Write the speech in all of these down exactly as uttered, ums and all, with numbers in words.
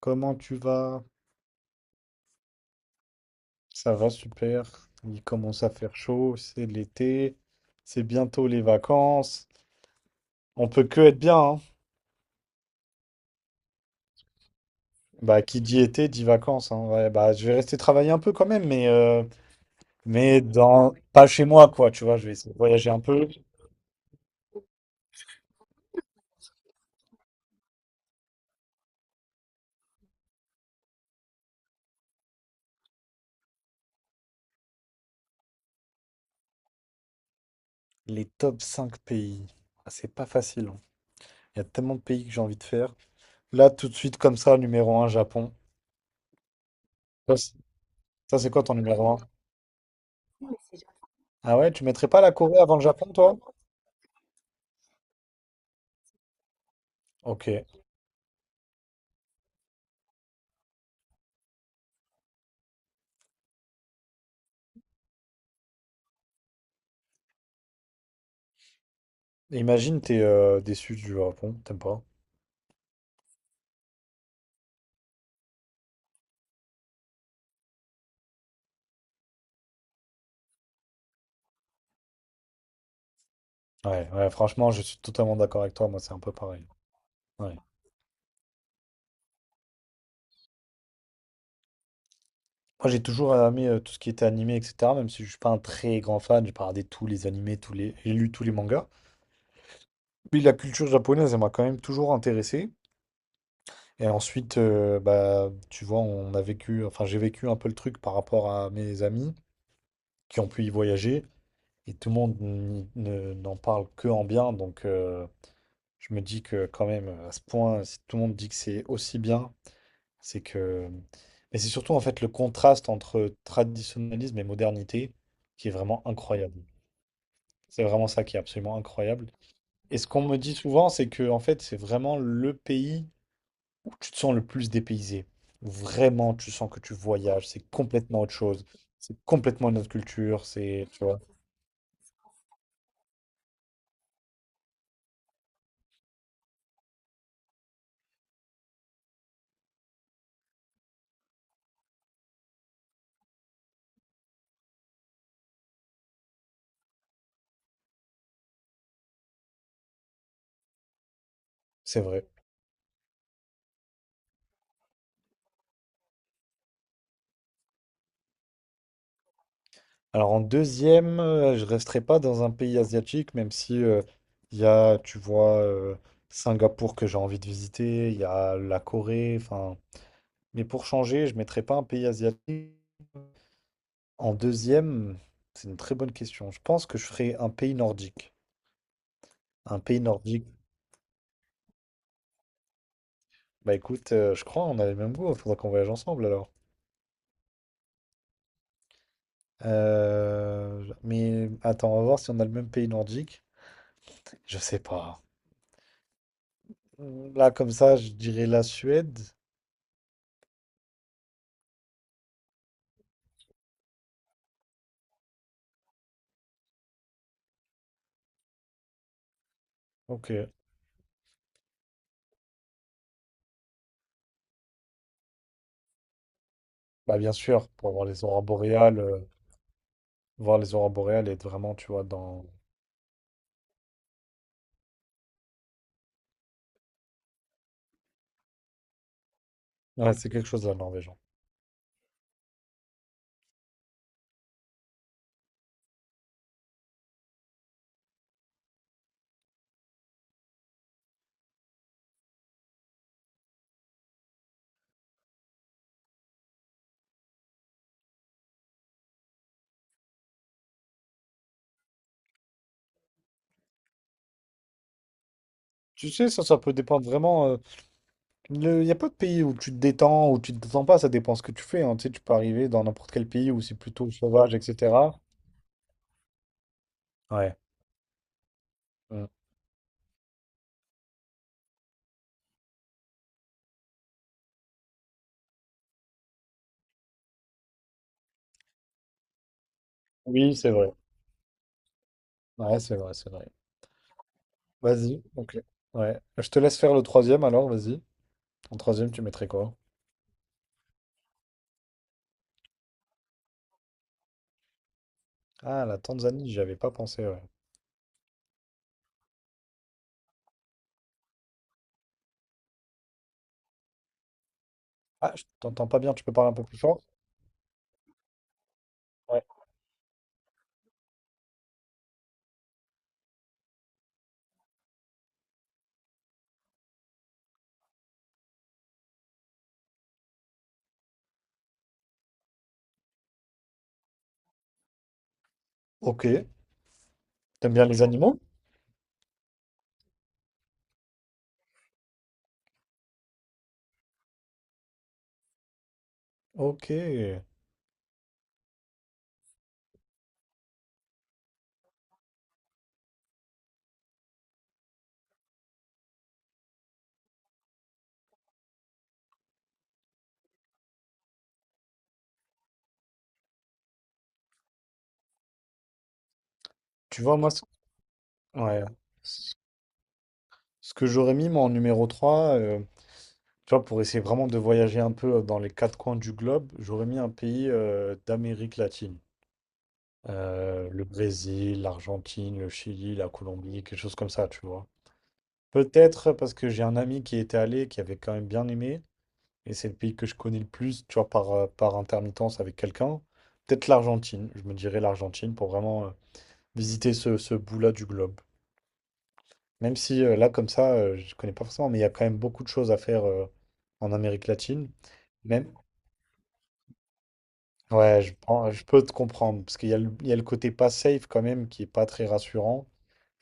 Comment tu vas? Ça va super. Il commence à faire chaud, c'est l'été, c'est bientôt les vacances. On peut que être bien, hein. Bah, qui dit été dit vacances, hein. Ouais, bah, je vais rester travailler un peu quand même, mais, euh, mais dans... pas chez moi, quoi, tu vois. Je vais essayer de voyager un peu. Les top cinq pays. Ah, c'est pas facile, hein. Il y a tellement de pays que j'ai envie de faire. Là, tout de suite, comme ça, numéro un, Japon. Ça, c'est ça, c'est quoi ton numéro un? Ah ouais, tu mettrais pas la Corée avant le Japon, toi? Ok. Imagine, t'es euh, déçu du Japon, t'aimes pas? Ouais, ouais, franchement, je suis totalement d'accord avec toi, moi c'est un peu pareil. Ouais. Moi j'ai toujours aimé euh, tout ce qui était animé, et cetera. Même si je suis pas un très grand fan, j'ai pas regardé tous les animés, tous les... j'ai lu tous les mangas. Puis la culture japonaise, elle m'a quand même toujours intéressé. Et ensuite, euh, bah, tu vois, on a vécu, enfin j'ai vécu un peu le truc par rapport à mes amis qui ont pu y voyager. Et tout le monde n- ne- n'en parle que en bien, donc euh, je me dis que quand même, à ce point, si tout le monde dit que c'est aussi bien. C'est que. Mais c'est surtout en fait le contraste entre traditionnalisme et modernité qui est vraiment incroyable. C'est vraiment ça qui est absolument incroyable. Et ce qu'on me dit souvent, c'est que en fait, c'est vraiment le pays où tu te sens le plus dépaysé. Où Vraiment, tu sens que tu voyages, c'est complètement autre chose. C'est complètement une autre culture, c'est, tu vois, c'est vrai. Alors en deuxième, euh, je resterai pas dans un pays asiatique, même si euh, il y a, tu vois, euh, Singapour que j'ai envie de visiter, il y a la Corée, enfin. Mais pour changer, je ne mettrais pas un pays asiatique. En deuxième, c'est une très bonne question. Je pense que je ferais un pays nordique. Un pays nordique. Bah écoute, euh, je crois on a les mêmes goûts. Il Faudra qu'on voyage ensemble alors. Euh, mais attends, on va voir si on a le même pays nordique. Je sais pas. Là, comme ça, je dirais la Suède. Ok. Bah bien sûr, pour voir les aurores boréales, euh, voir les aurores boréales et être vraiment, tu vois, dans. Ouais, c'est quelque chose la Norvège, hein. Tu sais, ça, ça peut dépendre vraiment. euh, Il n'y a pas de pays où tu te détends, où tu te détends pas, ça dépend ce que tu fais, hein. Tu sais, tu peux arriver dans n'importe quel pays où c'est plutôt sauvage, et cetera. Ouais. Mm. Oui, c'est vrai. Ouais, c'est vrai, c'est vrai. Vas-y, ok. Ouais. Je te laisse faire le troisième alors, vas-y. En troisième, tu mettrais quoi? Ah, la Tanzanie, j'y avais pas pensé, ouais. Ah, je t'entends pas bien, tu peux parler un peu plus fort? Ouais. Ok. T'aimes bien les animaux? Ok. Tu vois, moi, ce- ouais. Ce que j'aurais mis, moi, en numéro trois euh, Tu vois, pour essayer vraiment de voyager un peu euh, dans les quatre coins du globe, j'aurais mis un pays euh, d'Amérique latine. Euh, le Brésil, l'Argentine, le Chili, la Colombie, quelque chose comme ça, tu vois. Peut-être parce que j'ai un ami qui était allé, qui avait quand même bien aimé, et c'est le pays que je connais le plus, tu vois, par, euh, par intermittence avec quelqu'un. Peut-être l'Argentine, je me dirais l'Argentine pour vraiment euh, visiter ce, ce bout-là du globe. Même si euh, là, comme ça, euh, je connais pas forcément, mais il y a quand même beaucoup de choses à faire euh, en Amérique latine. Même, Ouais, je, prends- je peux te comprendre, parce qu'il y a le, il y a le côté pas safe quand même qui est pas très rassurant.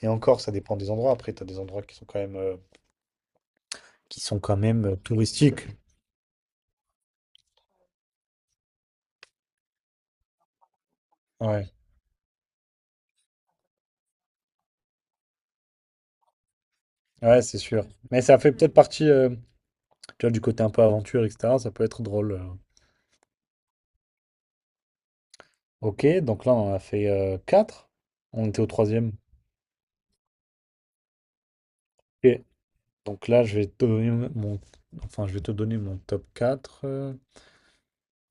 Et encore, ça dépend des endroits. Après, tu as des endroits qui sont quand même, euh, qui sont quand même euh, touristiques. Ouais, ouais, c'est sûr. Mais ça fait peut-être partie, euh, tu vois, du côté un peu aventure, et cetera. Ça peut être drôle. euh. Ok, donc là, on en a fait euh, quatre. On était au troisième. Ok, Donc là, je vais te donner mon, enfin, je vais te donner mon top quatre. euh,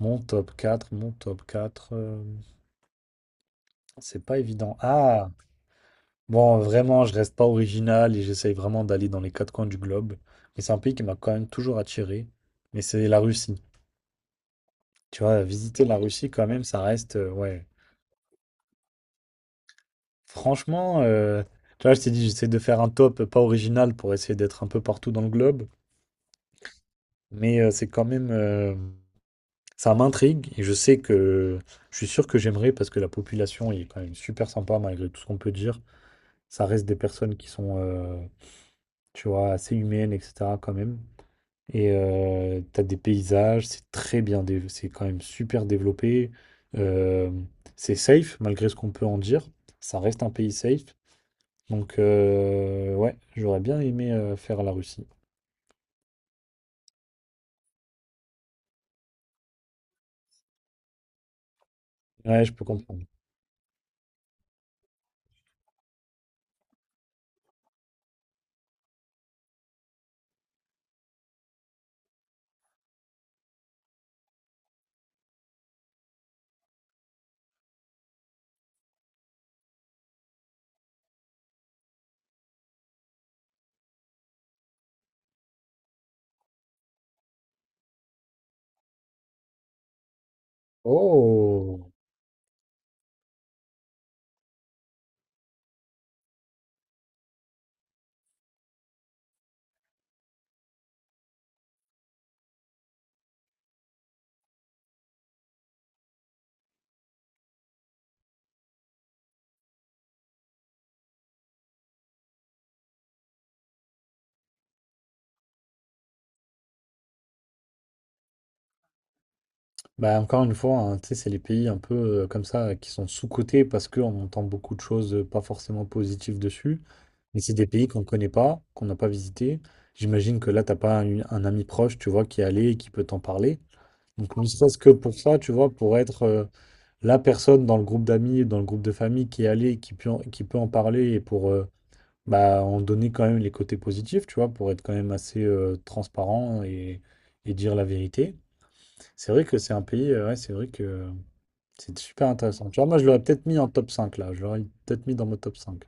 mon top quatre. Mon top quatre. euh, c'est pas évident. Ah! Bon, vraiment, je reste pas original et j'essaye vraiment d'aller dans les quatre coins du globe. Mais c'est un pays qui m'a quand même toujours attiré. Mais c'est la Russie. Tu vois, visiter la Russie quand même, ça reste, euh, ouais. Franchement, euh, tu vois, je t'ai dit, j'essaie de faire un top pas original pour essayer d'être un peu partout dans le globe. Mais euh, c'est quand même, euh, ça m'intrigue et je sais que je suis sûr que j'aimerais parce que la population est quand même super sympa malgré tout ce qu'on peut dire. Ça reste des personnes qui sont, euh, tu vois, assez humaines, et cetera quand même. Et euh, t'as des paysages, c'est très bien, dé- c'est quand même super développé. Euh, c'est safe, malgré ce qu'on peut en dire. Ça reste un pays safe. Donc, euh, ouais, j'aurais bien aimé euh, faire la Russie. Ouais, je peux comprendre. Oh! Bah, encore une fois, hein, tu sais, c'est les pays un peu euh, comme ça qui sont sous-cotés parce qu'on entend beaucoup de choses euh, pas forcément positives dessus. Mais c'est des pays qu'on ne connaît pas, qu'on n'a pas visité. J'imagine que là, t'as pas un, un ami proche, tu vois, qui est allé et qui peut t'en parler. Donc, ne serait-ce que pour ça, tu vois, pour être euh, la personne dans le groupe d'amis, dans le groupe de famille qui est allée, qui peut en, qui peut en parler et pour euh, bah, en donner quand même les côtés positifs, tu vois, pour être quand même assez euh, transparent et, et dire la vérité. C'est vrai que c'est un pays, euh, ouais, c'est vrai que euh, c'est super intéressant. Tu vois, moi, je l'aurais peut-être mis en top cinq là. Je l'aurais peut-être mis dans mon top cinq.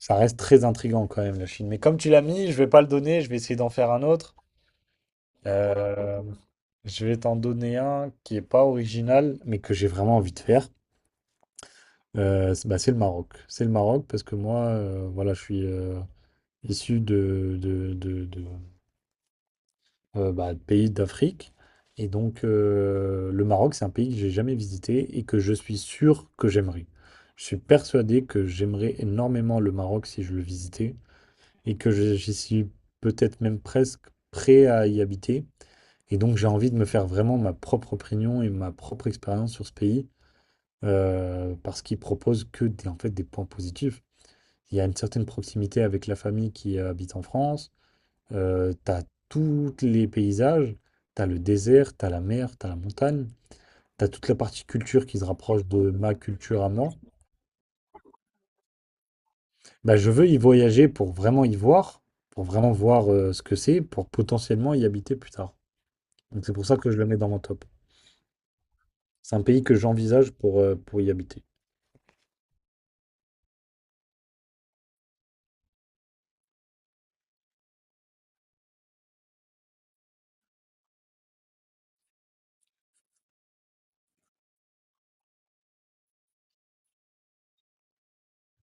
Ça reste très intriguant quand même, la Chine. Mais comme tu l'as mis, je vais pas le donner, je vais essayer d'en faire un autre. Euh, je vais t'en donner un qui est pas original, mais que j'ai vraiment envie de faire. Euh, c'est bah, c'est le Maroc. C'est le Maroc parce que moi, euh, voilà, je suis euh, issu de, de, de- de, euh, bah, de pays d'Afrique. Et donc, euh, le Maroc, c'est un pays que j'ai jamais visité et que je suis sûr que j'aimerais. Je suis persuadé que j'aimerais énormément le Maroc si je le visitais et que je- j'y suis peut-être même presque prêt à y habiter. Et donc j'ai envie de me faire vraiment ma propre opinion et ma propre expérience sur ce pays, euh, parce qu'il propose que des, en fait, des points positifs. Il y a une certaine proximité avec la famille qui euh, habite en France, euh, t'as tous les paysages, t'as le désert, t'as la mer, t'as la montagne, t'as toute la partie culture qui se rapproche de ma culture à moi. Bah, je veux y voyager pour vraiment y voir, pour vraiment voir euh, ce que c'est, pour potentiellement y habiter plus tard. Donc c'est pour ça que je le mets dans mon top. C'est un pays que j'envisage pour, euh, pour y habiter.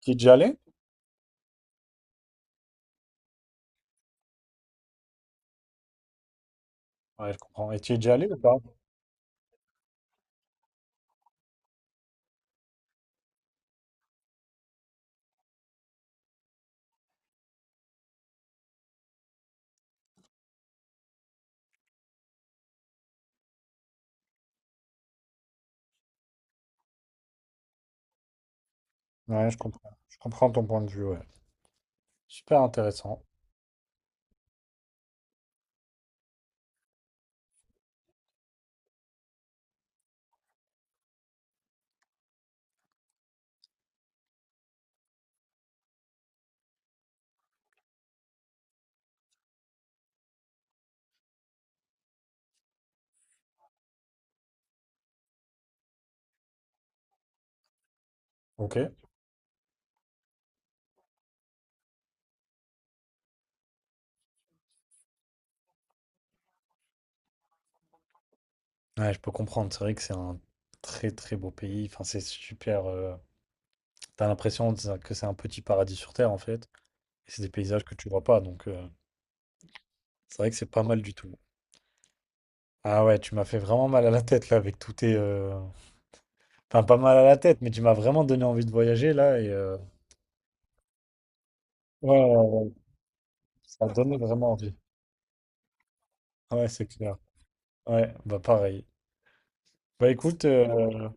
Tu es déjà allé? Ouais, je comprends. Et tu es déjà allé ou pas? Ouais, je comprends. Je comprends ton point de vue, ouais. Super intéressant. Ok. Ouais, je peux comprendre. C'est vrai que c'est un très très beau pays. Enfin, c'est super. euh, T'as l'impression de que c'est un petit paradis sur terre en fait. Et c'est des paysages que tu vois pas. Donc, euh, c'est vrai que c'est pas mal du tout. Ah ouais, tu m'as fait vraiment mal à la tête là avec tous tes. euh, Enfin, pas mal à la tête, mais tu m'as vraiment donné envie de voyager là. Et euh, ouais, ouais, ouais, ça a donné vraiment envie. Ouais, c'est clair. Ouais, bah pareil. Bah écoute, euh,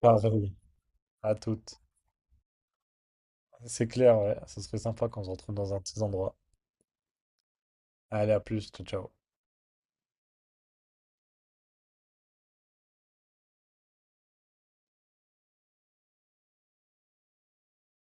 pareil. À toutes. C'est clair, ouais. Ça serait sympa qu'on se retrouve dans un de ces endroits. Allez, à plus, ciao, ciao.